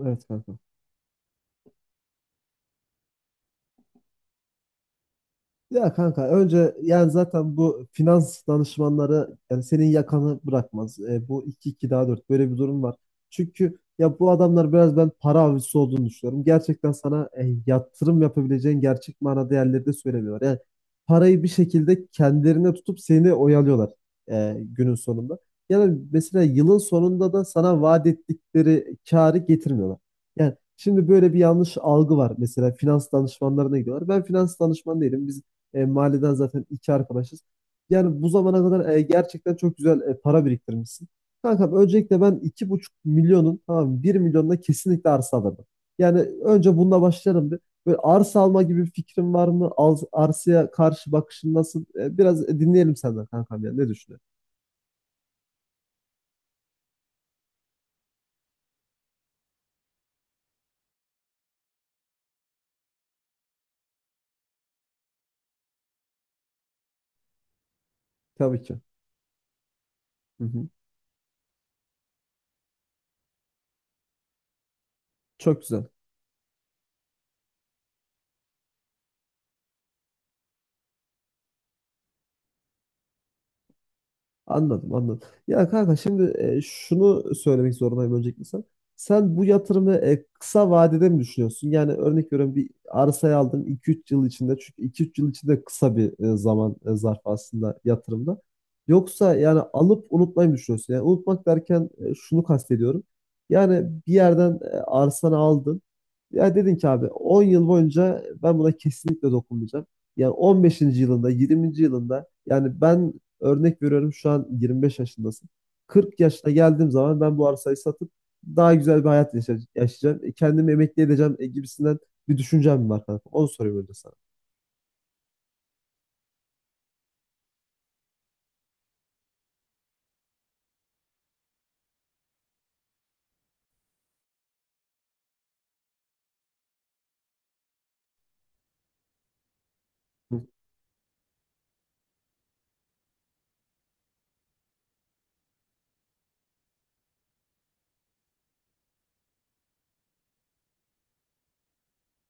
Evet kanka. Ya kanka önce yani zaten bu finans danışmanları yani senin yakanı bırakmaz. Bu 2 2 daha 4 böyle bir durum var. Çünkü ya bu adamlar biraz ben para avcısı olduğunu düşünüyorum. Gerçekten sana yatırım yapabileceğin gerçek manada yerleri de söylemiyorlar. Yani parayı bir şekilde kendilerine tutup seni oyalıyorlar günün sonunda. Yani mesela yılın sonunda da sana vaat ettikleri karı getirmiyorlar. Yani, şimdi böyle bir yanlış algı var. Mesela finans danışmanlarına gidiyorlar. Ben finans danışmanı değilim. Mahalleden zaten iki arkadaşız. Yani bu zamana kadar gerçekten çok güzel para biriktirmişsin. Kankam öncelikle ben 2,5 milyonun tamam bir milyonuna kesinlikle arsa alırdım. Yani önce bununla başlayalım bir. Böyle arsa alma gibi bir fikrin var mı? Arsaya karşı bakışın nasıl? Biraz dinleyelim senden kankam ya. Ne düşünüyorsun? Tabii ki. Hı hı. Çok güzel. Anladım, anladım. Ya kanka şimdi şunu söylemek zorundayım öncelikle sen. Sen bu yatırımı kısa vadede mi düşünüyorsun? Yani örnek veriyorum bir arsayı aldın iki üç yıl içinde. Çünkü iki üç yıl içinde kısa bir zaman zarfı aslında yatırımda. Yoksa yani alıp unutmayı mı düşünüyorsun? Yani unutmak derken şunu kastediyorum. Yani bir yerden arsanı aldın. Ya dedin ki abi 10 yıl boyunca ben buna kesinlikle dokunmayacağım. Yani 15. yılında, 20. yılında yani ben. Örnek veriyorum şu an 25 yaşındasın. 40 yaşına geldiğim zaman ben bu arsayı satıp daha güzel bir hayat yaşayacağım. Kendimi emekli edeceğim gibisinden bir düşüncem var kanka. Onu sorayım önce sana. Hı.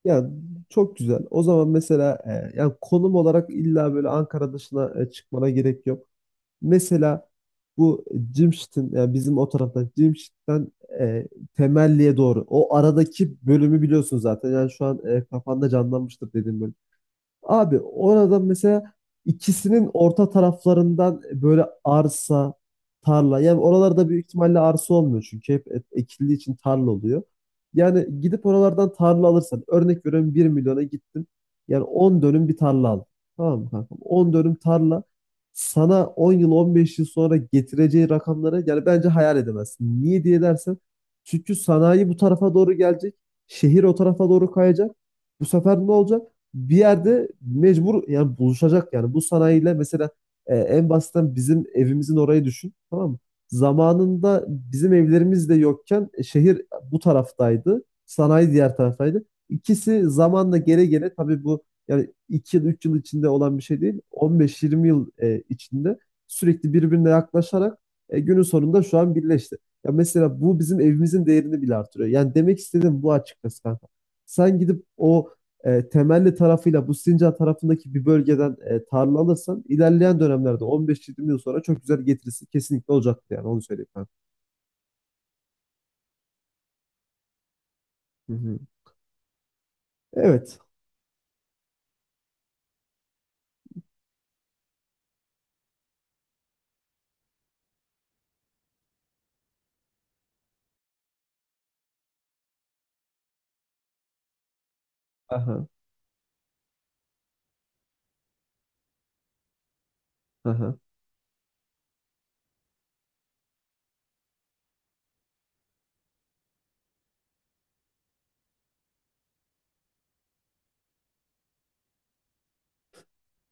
Ya çok güzel. O zaman mesela yani konum olarak illa böyle Ankara dışına çıkmana gerek yok. Mesela bu Cimşit'in yani bizim o taraftan Cimşit'ten e, Temelli'ye doğru. O aradaki bölümü biliyorsun zaten. Yani şu an kafanda canlanmıştır dediğim bölüm. Abi orada mesela ikisinin orta taraflarından böyle arsa, tarla. Yani oralarda büyük ihtimalle arsa olmuyor çünkü hep ekildiği için tarla oluyor. Yani gidip oralardan tarla alırsan örnek veriyorum bir milyona gittin. Yani 10 dönüm bir tarla aldın. Tamam mı kankam? 10 dönüm tarla sana 10 yıl 15 yıl sonra getireceği rakamları yani bence hayal edemezsin. Niye diye dersen çünkü sanayi bu tarafa doğru gelecek. Şehir o tarafa doğru kayacak. Bu sefer ne olacak? Bir yerde mecbur yani buluşacak yani bu sanayiyle mesela en basitten bizim evimizin orayı düşün tamam mı? Zamanında bizim evlerimiz de yokken şehir bu taraftaydı. Sanayi diğer taraftaydı. İkisi zamanla gele gele tabii bu yani 2 yıl 3 yıl içinde olan bir şey değil. 15-20 yıl içinde sürekli birbirine yaklaşarak günün sonunda şu an birleşti. Ya mesela bu bizim evimizin değerini bile artırıyor. Yani demek istediğim bu açıkçası kanka. Sen gidip o Temelli tarafıyla bu Sincan tarafındaki bir bölgeden tarla alırsan ilerleyen dönemlerde 15-20 yıl sonra çok güzel getirisi kesinlikle olacaktı yani onu söyleyeyim ben. Hı hı. Evet. Aha. Aha.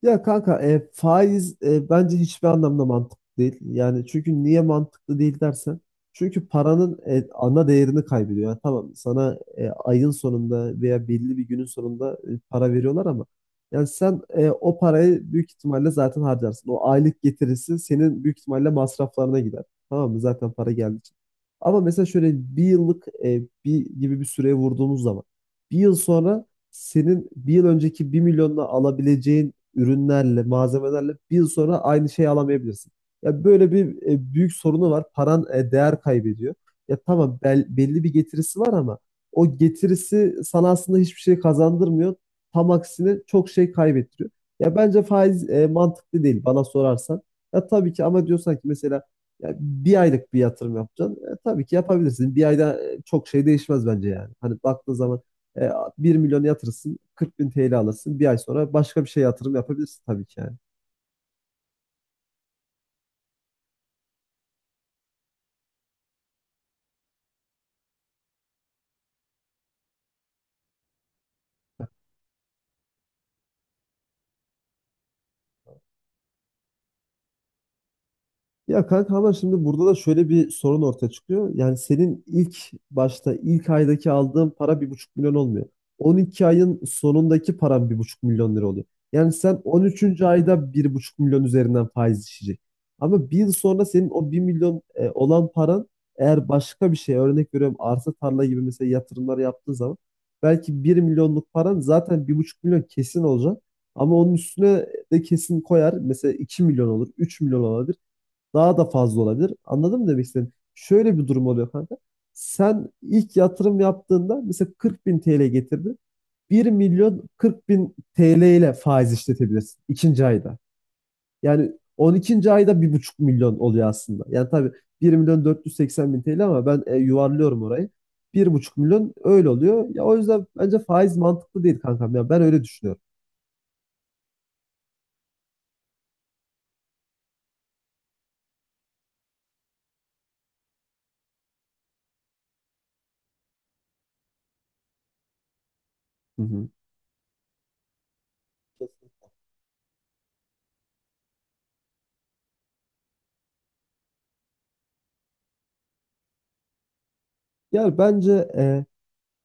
Ya kanka faiz bence hiçbir anlamda mantıklı değil. Yani çünkü niye mantıklı değil dersen. Çünkü paranın ana değerini kaybediyor. Yani tamam sana ayın sonunda veya belli bir günün sonunda para veriyorlar ama yani sen o parayı büyük ihtimalle zaten harcarsın. O aylık getirisi senin büyük ihtimalle masraflarına gider. Tamam mı? Zaten para geldiği için. Ama mesela şöyle bir yıllık bir gibi bir süreye vurduğumuz zaman bir yıl sonra senin bir yıl önceki bir milyonla alabileceğin ürünlerle, malzemelerle bir yıl sonra aynı şeyi alamayabilirsin. Ya böyle bir büyük sorunu var. Paran değer kaybediyor. Ya tamam belli bir getirisi var ama o getirisi sana aslında hiçbir şey kazandırmıyor. Tam aksine çok şey kaybettiriyor. Ya bence faiz mantıklı değil bana sorarsan. Ya tabii ki ama diyorsan ki mesela ya bir aylık bir yatırım yapacaksın. Tabii ki yapabilirsin. Bir ayda çok şey değişmez bence yani. Hani baktığın zaman e, 1 milyon yatırırsın, 40 bin TL alırsın. Bir ay sonra başka bir şey yatırım yapabilirsin tabii ki yani. Ya kanka ama şimdi burada da şöyle bir sorun ortaya çıkıyor. Yani senin ilk başta ilk aydaki aldığın para 1,5 milyon olmuyor. 12 ayın sonundaki paran 1,5 milyon lira oluyor. Yani sen 13. ayda 1,5 milyon üzerinden faiz işleyecek. Ama bir yıl sonra senin o bir milyon olan paran eğer başka bir şey örnek veriyorum arsa tarla gibi mesela yatırımlar yaptığın zaman belki bir milyonluk paran zaten 1,5 milyon kesin olacak. Ama onun üstüne de kesin koyar. Mesela 2 milyon olur, 3 milyon olabilir. Daha da fazla olabilir. Anladın mı demek istediğim? Şöyle bir durum oluyor kanka. Sen ilk yatırım yaptığında mesela 40 bin TL getirdi. 1 milyon 40 bin TL ile faiz işletebilirsin ikinci ayda. Yani 12. ayda bir buçuk milyon oluyor aslında. Yani tabii 1 milyon 480 bin TL ama ben yuvarlıyorum orayı. 1,5 milyon öyle oluyor. Ya o yüzden bence faiz mantıklı değil kankam. Ya ben öyle düşünüyorum. Hı hı. Yani bence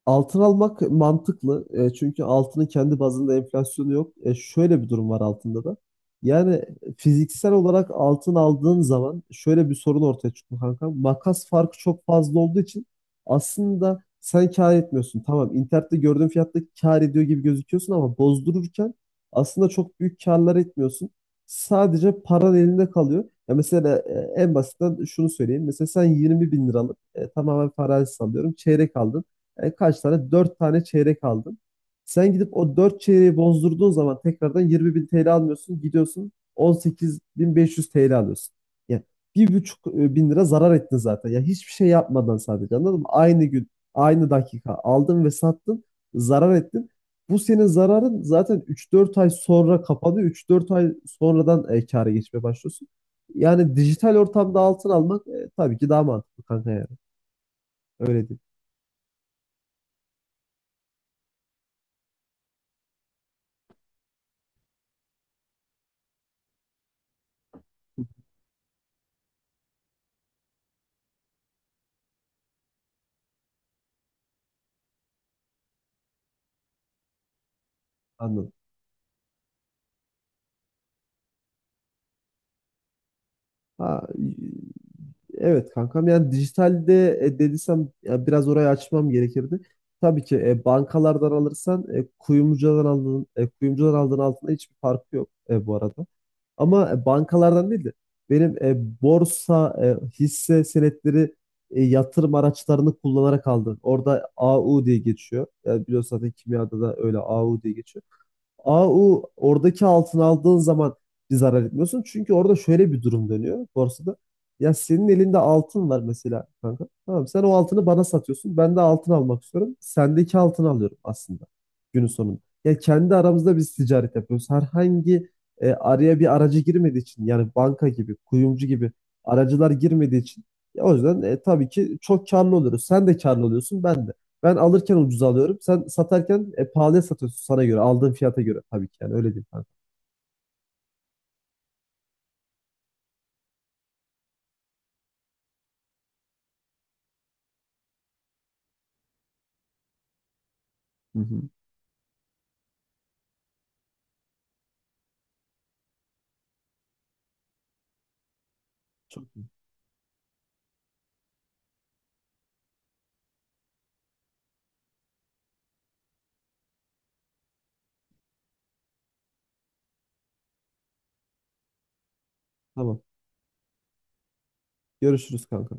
altın almak mantıklı. Çünkü altının kendi bazında enflasyonu yok. Şöyle bir durum var altında da. Yani fiziksel olarak altın aldığın zaman şöyle bir sorun ortaya çıkıyor kanka. Makas farkı çok fazla olduğu için aslında sen kâr etmiyorsun. Tamam internette gördüğün fiyatta kâr ediyor gibi gözüküyorsun ama bozdururken aslında çok büyük kârlar etmiyorsun. Sadece paran elinde kalıyor. Ya mesela en basitten şunu söyleyeyim. Mesela sen 20 bin liralık tamamen farazi sallıyorum. Çeyrek aldın. Kaç tane? 4 tane çeyrek aldın. Sen gidip o 4 çeyreği bozdurduğun zaman tekrardan 20 bin TL almıyorsun. Gidiyorsun 18.500 TL alıyorsun. Yani bir buçuk bin lira zarar ettin zaten. Ya hiçbir şey yapmadan sadece anladın mı? Aynı gün, aynı dakika aldın ve sattın, zarar ettin. Bu senin zararın zaten üç dört ay sonra kapanıyor. Üç dört ay sonradan kâra geçmeye başlıyorsun. Yani dijital ortamda altın almak tabii ki daha mantıklı kanka yani. Öyle değil. Anladım. Ha, evet kankam yani dijitalde dediysem ya biraz orayı açmam gerekirdi. Tabii ki bankalardan alırsan kuyumcudan aldığın altında hiçbir farkı yok bu arada. Ama bankalardan değil de benim borsa hisse senetleri yatırım araçlarını kullanarak aldım. Orada A U diye geçiyor. Yani biliyorsun zaten kimyada da öyle A U diye geçiyor. A u oradaki altın aldığın zaman bir zarar etmiyorsun. Çünkü orada şöyle bir durum dönüyor borsada. Ya senin elinde altın var mesela kanka. Tamam sen o altını bana satıyorsun. Ben de altın almak istiyorum. Sendeki altını alıyorum aslında günün sonunda. Ya kendi aramızda biz ticaret yapıyoruz. Herhangi araya bir aracı girmediği için yani banka gibi, kuyumcu gibi aracılar girmediği için ya o yüzden tabii ki çok karlı oluyoruz. Sen de karlı oluyorsun, ben de. Ben alırken ucuza alıyorum. Sen satarken pahalıya satıyorsun sana göre. Aldığın fiyata göre tabii ki yani öyle değil kanka. Hı hı. Çok iyi. Tamam. Görüşürüz kanka.